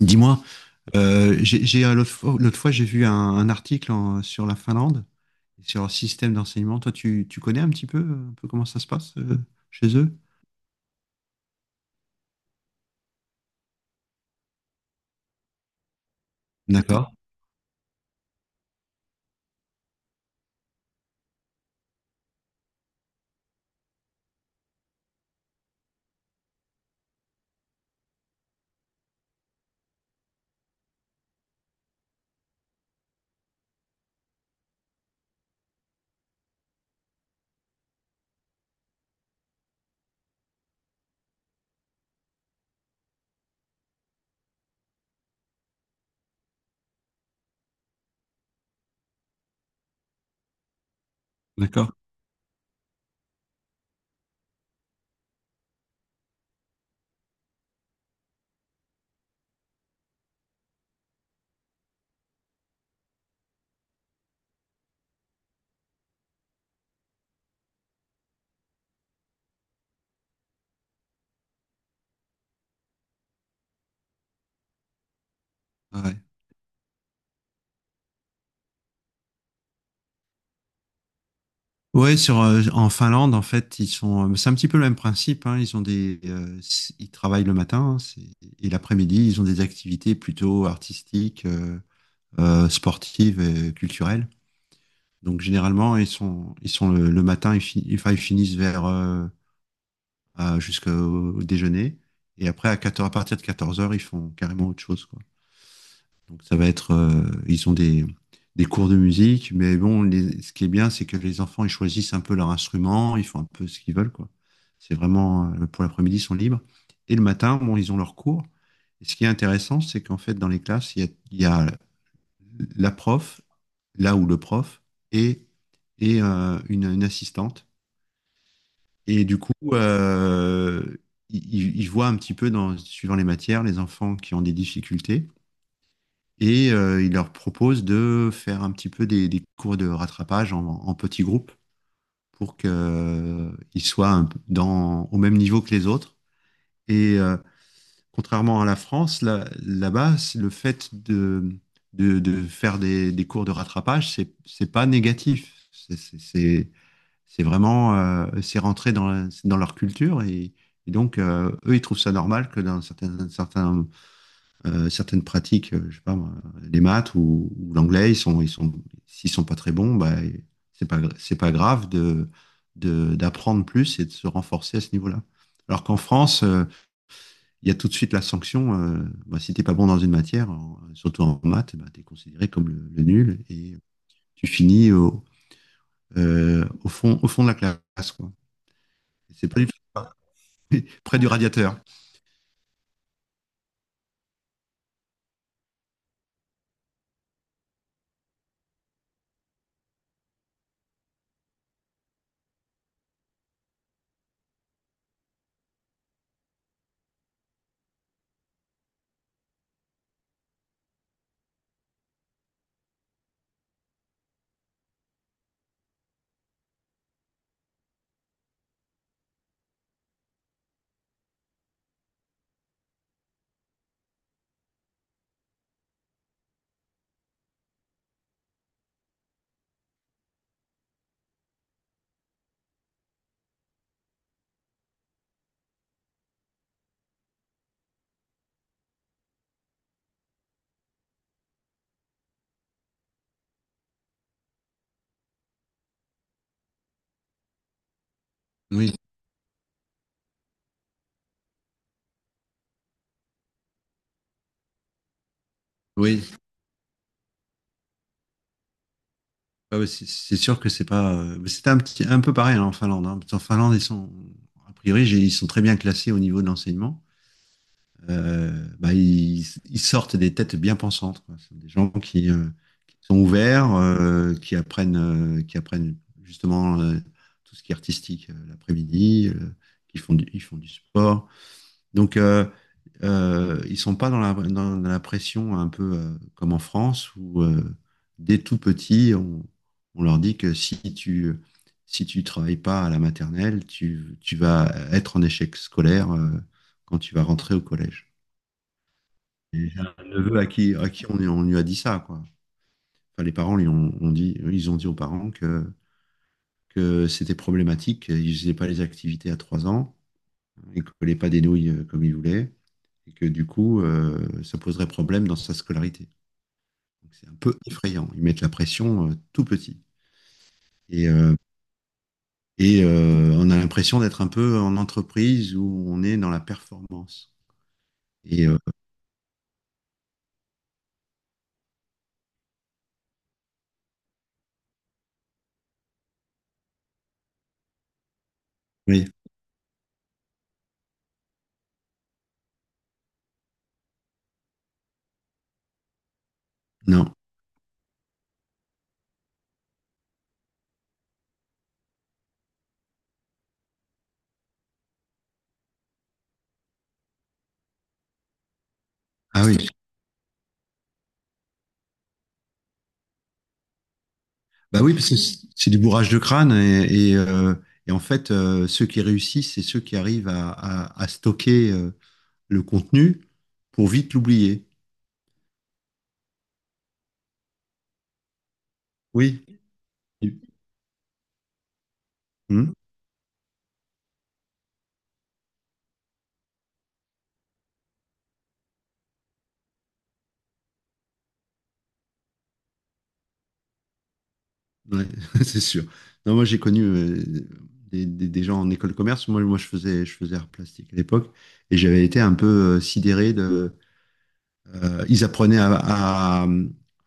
Dis-moi, l'autre fois, j'ai vu un article sur la Finlande, sur leur système d'enseignement. Toi, tu connais un petit peu, un peu comment ça se passe chez eux? D'accord, d'accord. Ouais. Ouais, sur, en Finlande, en fait, c'est un petit peu le même principe, hein. Ils ont ils travaillent le matin, hein, et l'après-midi, ils ont des activités plutôt artistiques, sportives et culturelles. Donc généralement, ils sont le matin, enfin, ils finissent vers jusqu'au déjeuner. Et après, à 14, à partir de 14 heures, ils font carrément autre chose, quoi. Donc, ça va être, ils ont des cours de musique, mais bon, ce qui est bien, c'est que les enfants, ils choisissent un peu leur instrument, ils font un peu ce qu'ils veulent, quoi. C'est vraiment, pour l'après-midi, ils sont libres. Et le matin, bon, ils ont leurs cours. Et ce qui est intéressant, c'est qu'en fait, dans les classes, il y a la prof, là où le prof, et, et une assistante. Et du coup, ils voient un petit peu, suivant les matières, les enfants qui ont des difficultés. Et ils leur proposent de faire un petit peu des cours de rattrapage en petits groupes pour qu'ils soient un peu au même niveau que les autres. Et contrairement à la France, là-bas, c'est le fait de faire des cours de rattrapage, c'est pas négatif. C'est vraiment, c'est rentré dans, c'est dans leur culture, et donc eux ils trouvent ça normal que dans certaines pratiques, je sais pas moi, les maths ou l'anglais, s'ils sont pas très bons, bah c'est pas grave d'apprendre plus et de se renforcer à ce niveau-là. Alors qu'en France, il y a tout de suite la sanction. Bah, si t'es pas bon dans une matière, surtout en maths, bah, t'es considéré comme le nul et tu finis au fond de la classe, quoi. C'est pas du tout près du radiateur. Oui, oui. Ah ouais, c'est sûr que c'est pas. Mais c'était un un peu pareil, hein, en Finlande, hein. En Finlande, a priori, ils sont très bien classés au niveau de l'enseignement. Bah, ils sortent des têtes bien pensantes, quoi. C'est des gens qui sont ouverts, qui apprennent justement tout ce qui est artistique l'après-midi. Ils font du sport. Donc, ils sont pas dans dans la pression un peu comme en France où dès tout petit, on leur dit que si tu travailles pas à la maternelle, tu vas être en échec scolaire quand tu vas rentrer au collège. Et j'ai un neveu à qui on lui a dit ça, quoi. Enfin, les parents lui ont dit, ils ont dit aux parents que c'était problématique, ils faisaient pas les activités à 3 ans, ils collaient pas des nouilles comme ils voulaient, et que du coup, ça poserait problème dans sa scolarité. Donc, c'est un peu effrayant. Ils mettent la pression tout petit. Et, euh, et on a l'impression d'être un peu en entreprise où on est dans la performance. Et euh, oui, non. Ah oui. Bah oui, parce que c'est du bourrage de crâne et en fait, ceux qui réussissent, c'est ceux qui arrivent à stocker le contenu pour vite l'oublier. Oui. Hmm. Ouais, c'est sûr. Non, moi, j'ai connu des gens en école de commerce. Moi je faisais, art plastique à l'époque et j'avais été un peu sidéré de. Ils apprenaient à-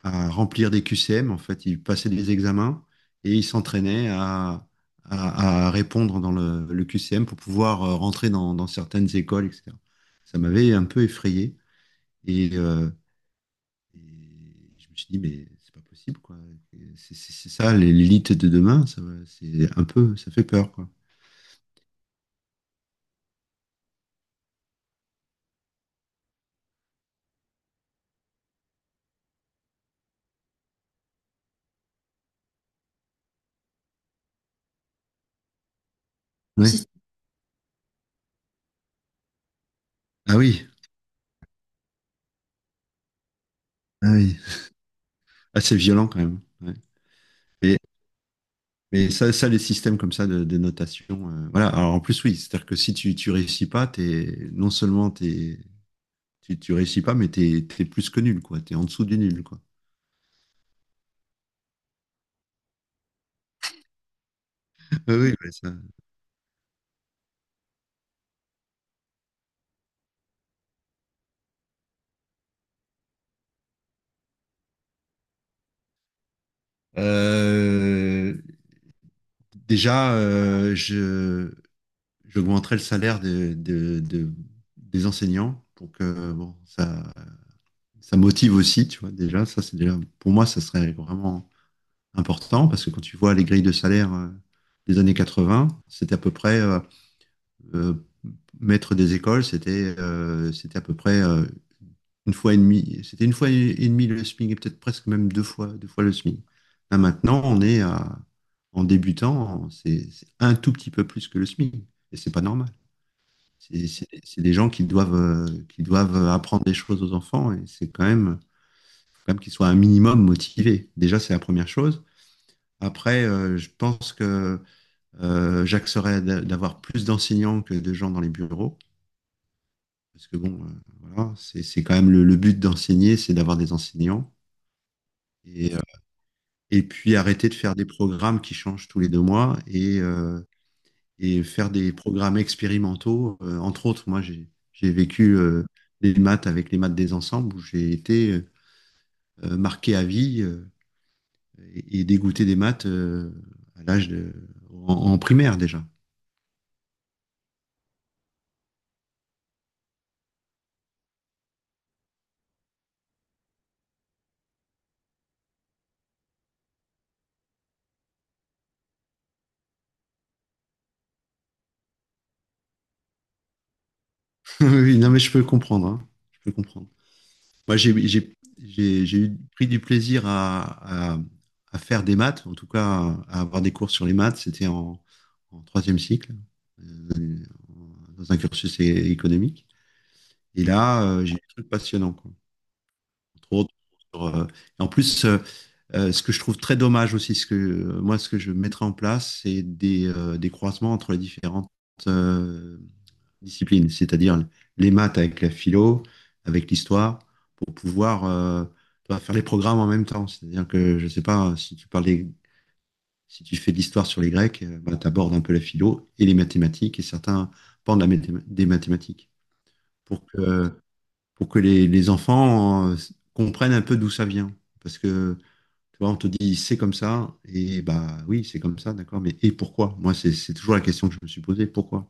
à remplir des QCM, en fait. Ils passaient des examens et ils s'entraînaient à répondre dans le QCM pour pouvoir rentrer dans certaines écoles, etc. Ça m'avait un peu effrayé. Et, euh, et je me suis dit, mais c'est pas possible, quoi. C'est ça, l'élite de demain, c'est un peu, ça fait peur, quoi. Ouais. Ah oui, ah oui. Ah, c'est violent quand même. Ouais. Mais, mais ça, les systèmes comme ça de notation, voilà. Alors en plus, oui, c'est-à-dire que si tu réussis pas, non seulement t'es, tu réussis pas, mais t'es plus que nul, quoi. T'es en dessous du nul, quoi. Ah oui, ouais, ça. Euh, Déjà, j'augmenterai le salaire des enseignants, pour que bon, ça motive aussi, tu vois. Déjà, ça c'est déjà, pour moi, ça serait vraiment important parce que quand tu vois les grilles de salaire des années 80, c'était à peu près, euh, maître des écoles, c'était c'était à peu près une fois et demie, c'était une fois et demie le SMIC, et peut-être presque même deux fois le SMIC. Là maintenant, en débutant, c'est un tout petit peu plus que le SMIC, et c'est pas normal. C'est des gens qui doivent apprendre des choses aux enfants, et c'est quand même, faut quand même qu'ils soient un minimum motivés. Déjà, c'est la première chose. Après, je pense que j'axerais d'avoir plus d'enseignants que de gens dans les bureaux. Parce que bon, voilà, c'est quand même le but d'enseigner, c'est d'avoir des enseignants. Et, euh, et puis arrêter de faire des programmes qui changent tous les 2 mois et faire des programmes expérimentaux. Entre autres, moi, j'ai vécu des maths avec les maths des ensembles où j'ai été marqué à vie et dégoûté des maths à l'âge de, en, en primaire déjà. Oui, non, mais je peux comprendre, hein. Je peux comprendre. Moi, j'ai eu pris du plaisir à faire des maths, en tout cas à avoir des cours sur les maths. C'était en troisième cycle, euh, dans un cursus économique. Et là, j'ai eu des trucs passionnants, quoi. Entre autres, sur, euh, et en plus, ce que je trouve très dommage aussi, ce que moi, ce que je mettrais en place, c'est des croisements entre les différentes euh, disciplines, c'est-à-dire les maths avec la philo, avec l'histoire, pour pouvoir tu vois, faire les programmes en même temps. C'est-à-dire que, je sais pas, si tu fais de l'histoire sur les Grecs, bah, tu abordes un peu la philo et les mathématiques et certains pans de des mathématiques, pour que, pour que les enfants comprennent un peu d'où ça vient. Parce que tu vois, on te dit c'est comme ça, et bah oui, c'est comme ça, d'accord, mais et pourquoi? Moi, c'est toujours la question que je me suis posée, pourquoi?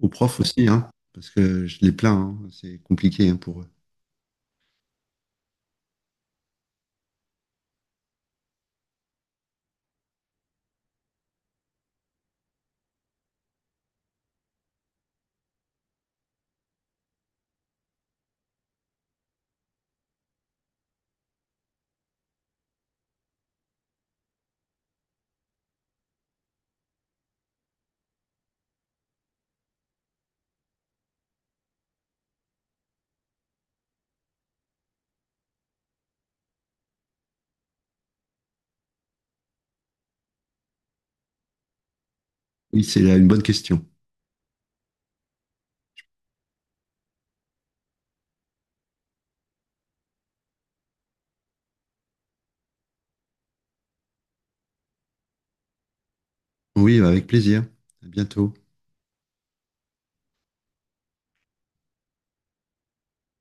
Aux profs aussi, hein, parce que je les plains, hein, c'est compliqué, hein, pour eux. Oui, c'est là une bonne question. Oui, avec plaisir. À bientôt.